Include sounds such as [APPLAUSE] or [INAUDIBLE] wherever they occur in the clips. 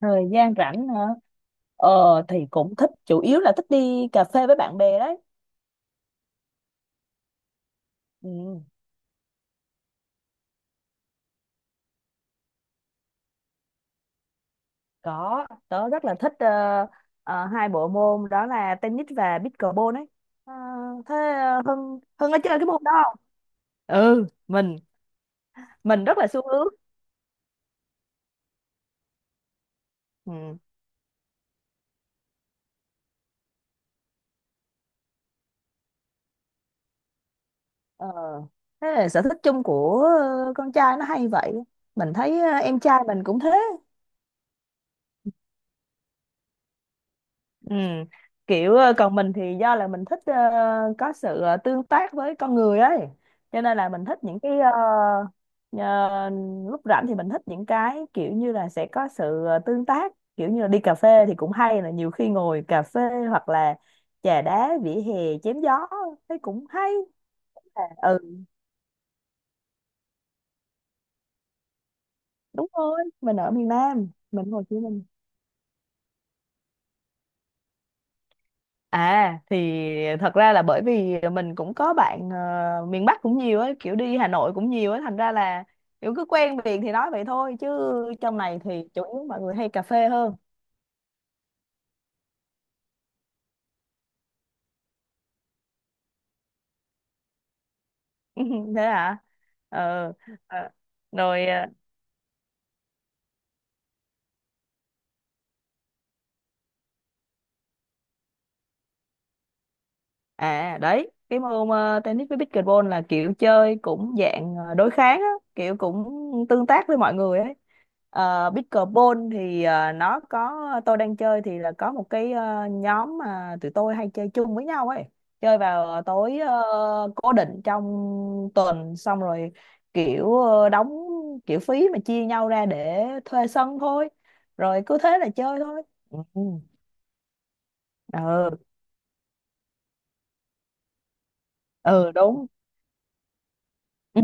Thời gian rảnh hả? ờ thì cũng thích, chủ yếu là thích đi cà phê với bạn bè đấy. Ừ, có tớ rất là thích, hai bộ môn đó là tennis và pickleball đấy. Ờ, thế Hưng Hưng có chơi cái môn đó không? Ừ, mình rất là xu hướng. Ừ. ờ, Thế là sở thích chung của con trai nó hay vậy. Mình thấy em trai mình cũng thế. Ừ. Kiểu còn mình thì do là mình thích, có sự tương tác với con người ấy, cho nên là mình thích những cái ờ, lúc rảnh thì mình thích những cái kiểu như là sẽ có sự tương tác, kiểu như là đi cà phê thì cũng hay, là nhiều khi ngồi cà phê hoặc là trà đá vỉa hè chém gió thấy cũng hay. À, ừ, đúng rồi, mình ở miền Nam, mình Hồ Chí Minh. À thì thật ra là bởi vì mình cũng có bạn miền Bắc cũng nhiều ấy, kiểu đi Hà Nội cũng nhiều ấy, thành ra là kiểu cứ quen miệng thì nói vậy thôi, chứ trong này thì chủ yếu mọi người hay cà phê hơn. [LAUGHS] Thế hả? Ờ, ờ. Rồi ờ, À đấy, cái môn tennis với pickleball là kiểu chơi cũng dạng đối kháng á, kiểu cũng tương tác với mọi người ấy. Pickleball thì nó có, tôi đang chơi thì là có một cái nhóm mà tụi tôi hay chơi chung với nhau ấy. Chơi vào tối, cố định trong tuần, xong rồi kiểu đóng kiểu phí mà chia nhau ra để thuê sân thôi. Rồi cứ thế là chơi thôi. Ừ, ừ, ừ, ừ, đúng. Ừ.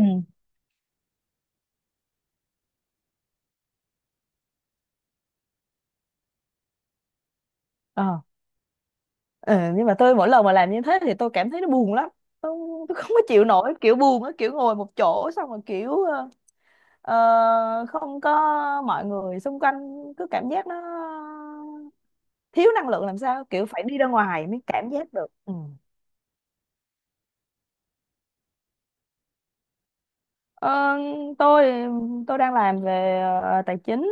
Ờ. Ừ, nhưng mà tôi mỗi lần mà làm như thế thì tôi cảm thấy nó buồn lắm. tôi, tôi không có chịu nổi kiểu buồn á, kiểu ngồi một chỗ xong rồi kiểu không có mọi người xung quanh, cứ cảm giác nó thiếu năng lượng làm sao, kiểu phải đi ra ngoài mới cảm giác được. Ừ. Ờ, tôi tôi đang làm về tài chính,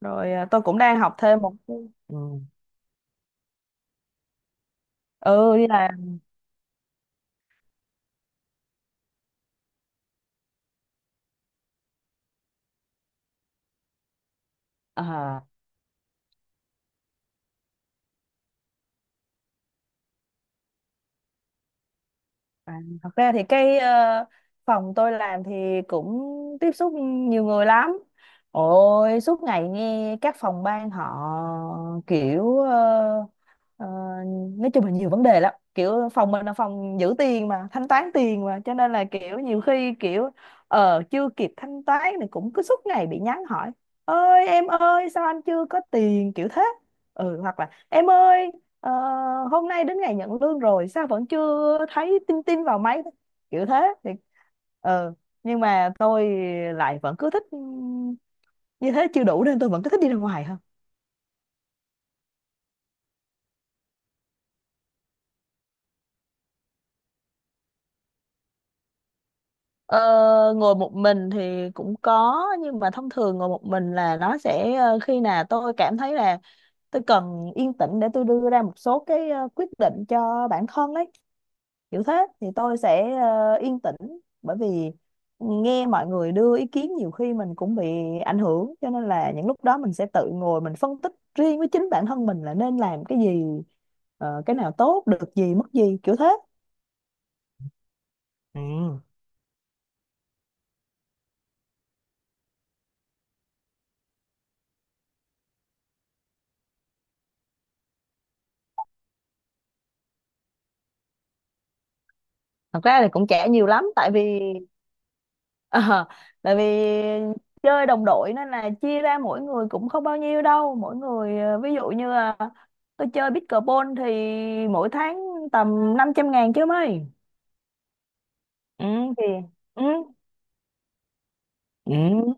rồi tôi cũng đang học thêm một. Ừ, ừ, đi làm. Ờ. À, thật ra thì cái phòng tôi làm thì cũng tiếp xúc nhiều người lắm. Ôi, suốt ngày nghe các phòng ban họ kiểu ờ, nói chung là nhiều vấn đề lắm. Kiểu phòng mình là phòng giữ tiền mà, thanh toán tiền mà, cho nên là kiểu nhiều khi kiểu chưa kịp thanh toán thì cũng cứ suốt ngày bị nhắn hỏi. Ơi em ơi, sao anh chưa có tiền kiểu thế? Ừ, hoặc là em ơi, Ờ, hôm nay đến ngày nhận lương rồi sao vẫn chưa thấy tin tin vào máy, kiểu thế thì ờ nhưng mà tôi lại vẫn cứ thích, như thế chưa đủ nên tôi vẫn cứ thích đi ra ngoài hơn. Ờ, ngồi một mình thì cũng có, nhưng mà thông thường ngồi một mình là nó sẽ khi nào tôi cảm thấy là tôi cần yên tĩnh để tôi đưa ra một số cái quyết định cho bản thân ấy, kiểu thế thì tôi sẽ yên tĩnh, bởi vì nghe mọi người đưa ý kiến nhiều khi mình cũng bị ảnh hưởng, cho nên là những lúc đó mình sẽ tự ngồi mình phân tích riêng với chính bản thân mình là nên làm cái gì, cái nào tốt, được gì mất gì, kiểu thế. Ừ. Thật ra thì cũng trẻ nhiều lắm, tại vì [LAUGHS] Ờ, tại vì chơi đồng đội nên là chia ra mỗi người cũng không bao nhiêu đâu, mỗi người ví dụ như là tôi chơi pickleball thì mỗi tháng tầm 500.000 chứ mấy. Ừ thì. Ừ, ừ.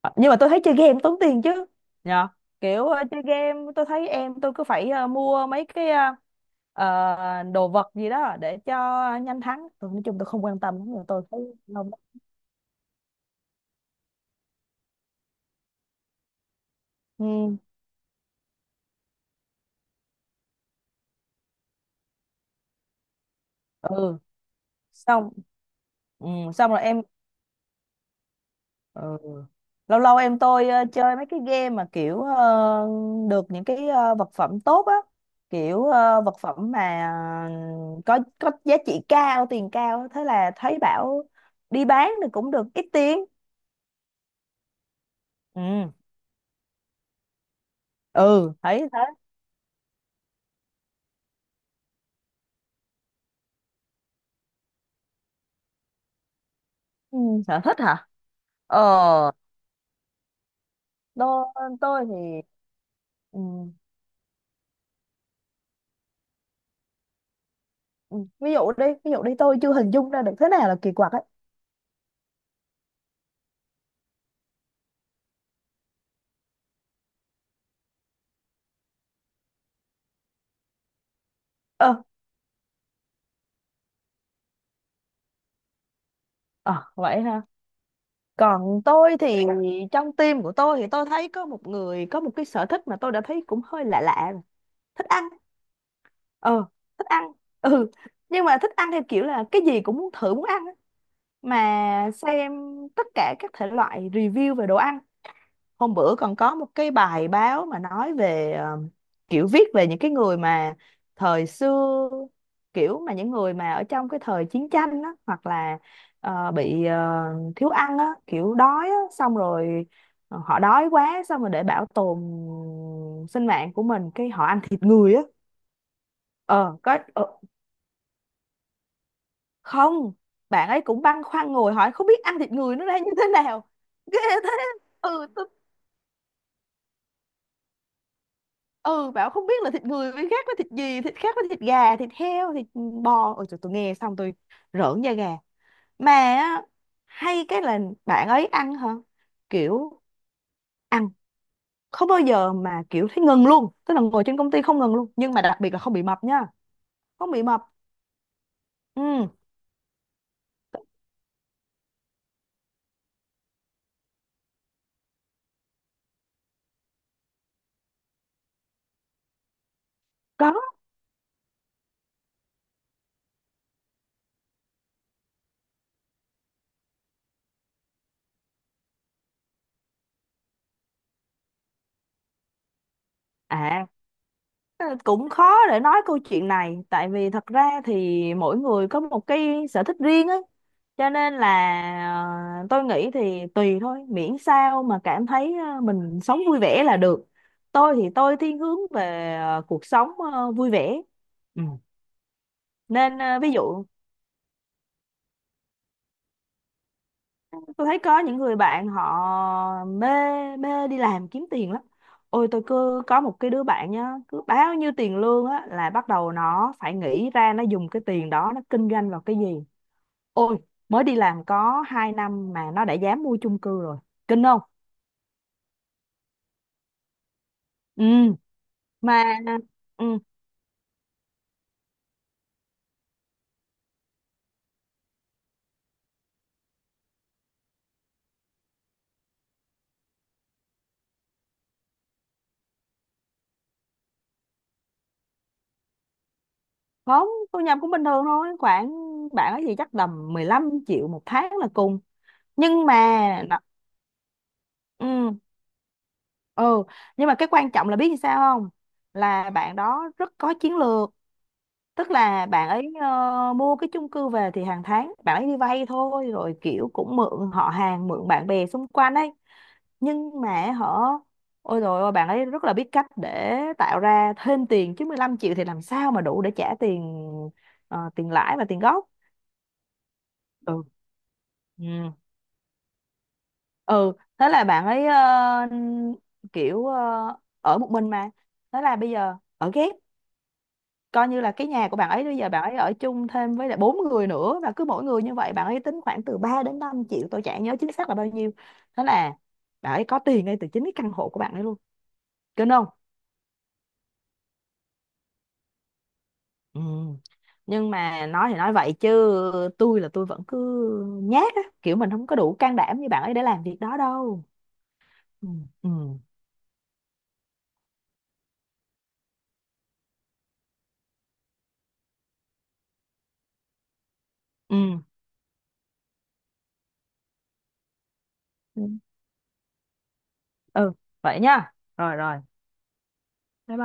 Ờ, nhưng mà tôi thấy chơi game tốn tiền chứ nhờ, kiểu chơi game tôi thấy em tôi cứ phải mua mấy cái đồ vật gì đó để cho nhanh thắng, tôi nói chung tôi không quan tâm lắm, nhưng mà tôi thấy không. Ừ, ừ, xong. Ừ, xong rồi em. Ừ. Lâu lâu em tôi chơi mấy cái game mà kiểu được những cái vật phẩm tốt á, kiểu vật phẩm mà có giá trị cao, tiền cao, thế là thấy bảo đi bán thì cũng được ít tiền. Ừ, ừ, thấy thế. Ừ, sở thích hả? Ờ, tôi tôi thì. Ừ, ừ, ví dụ đi, ví dụ đi, tôi chưa hình dung ra được thế nào là kỳ quặc ấy. Ờ, ờ vậy hả? Còn tôi thì trong team của tôi thì tôi thấy có một người có một cái sở thích mà tôi đã thấy cũng hơi lạ lạ rồi. Thích ăn. ờ Thích ăn, [LAUGHS] ừ, nhưng mà thích ăn theo kiểu là cái gì cũng muốn thử muốn ăn á. Mà xem tất cả các thể loại review về đồ ăn. Hôm bữa còn có một cái bài báo mà nói về kiểu viết về những cái người mà thời xưa, kiểu mà những người mà ở trong cái thời chiến tranh á, hoặc là bị thiếu ăn á, kiểu đói á, xong rồi họ đói quá, xong rồi để bảo tồn sinh mạng của mình cái họ ăn thịt người á. Ờ, có. Ờ, Không, bạn ấy cũng băn khoăn ngồi hỏi không biết ăn thịt người nó ra như thế nào. [LAUGHS] Ghê thế. Ừ, ừ, bảo không biết là thịt người với khác với thịt gì, thịt khác với thịt gà, thịt heo, thịt bò. Ôi trời, tôi nghe xong tôi rợn da gà. Mà á, hay cái là bạn ấy ăn hả, kiểu ăn không bao giờ mà kiểu thấy ngừng luôn, tức là ngồi trên công ty không ngừng luôn, nhưng mà đặc biệt là không bị mập nha. Không bị mập. Ừ. Có à. Ờ, cũng khó để nói câu chuyện này, tại vì thật ra thì mỗi người có một cái sở thích riêng ấy, cho nên là ờ, tôi nghĩ thì tùy thôi, miễn sao mà cảm thấy mình sống vui vẻ là được. Tôi thì tôi thiên hướng về cuộc sống vui vẻ. Ừ. Nên ví dụ tôi thấy có những người bạn họ mê mê đi làm kiếm tiền lắm. Ôi, tôi cứ có một cái đứa bạn nhá, cứ bao nhiêu tiền lương á là bắt đầu nó phải nghĩ ra nó dùng cái tiền đó nó kinh doanh vào cái gì. Ôi, mới đi làm có 2 năm mà nó đã dám mua chung cư rồi, kinh không? Ừ, mà. Ừ, không, tôi nhập cũng bình thường thôi, khoảng bạn ấy gì chắc tầm 15 triệu một tháng là cùng, nhưng mà nó- Ừ. Ừ, nhưng mà cái quan trọng là biết như sao không, là bạn đó rất có chiến lược, tức là bạn ấy mua cái chung cư về thì hàng tháng bạn ấy đi vay thôi, rồi kiểu cũng mượn họ hàng, mượn bạn bè xung quanh ấy, nhưng mà họ, ôi rồi, ôi bạn ấy rất là biết cách để tạo ra thêm tiền, chứ 15 triệu thì làm sao mà đủ để trả tiền tiền lãi và tiền gốc. Ừ. Ừ. Ừ, thế là bạn ấy kiểu ở một mình mà, thế là bây giờ ở ghép, coi như là cái nhà của bạn ấy bây giờ bạn ấy ở chung thêm với lại bốn người nữa, và cứ mỗi người như vậy bạn ấy tính khoảng từ 3 đến 5 triệu, tôi chả nhớ chính xác là bao nhiêu. Thế là bạn ấy có tiền ngay từ chính cái căn hộ của bạn ấy luôn, kinh không? Ừ. Nhưng mà nói thì nói vậy chứ tôi là tôi vẫn cứ nhát á, kiểu mình không có đủ can đảm như bạn ấy để làm việc đó đâu. Ừ. Ừ. Ừ. Ừ, vậy nha, rồi rồi. Bye bye.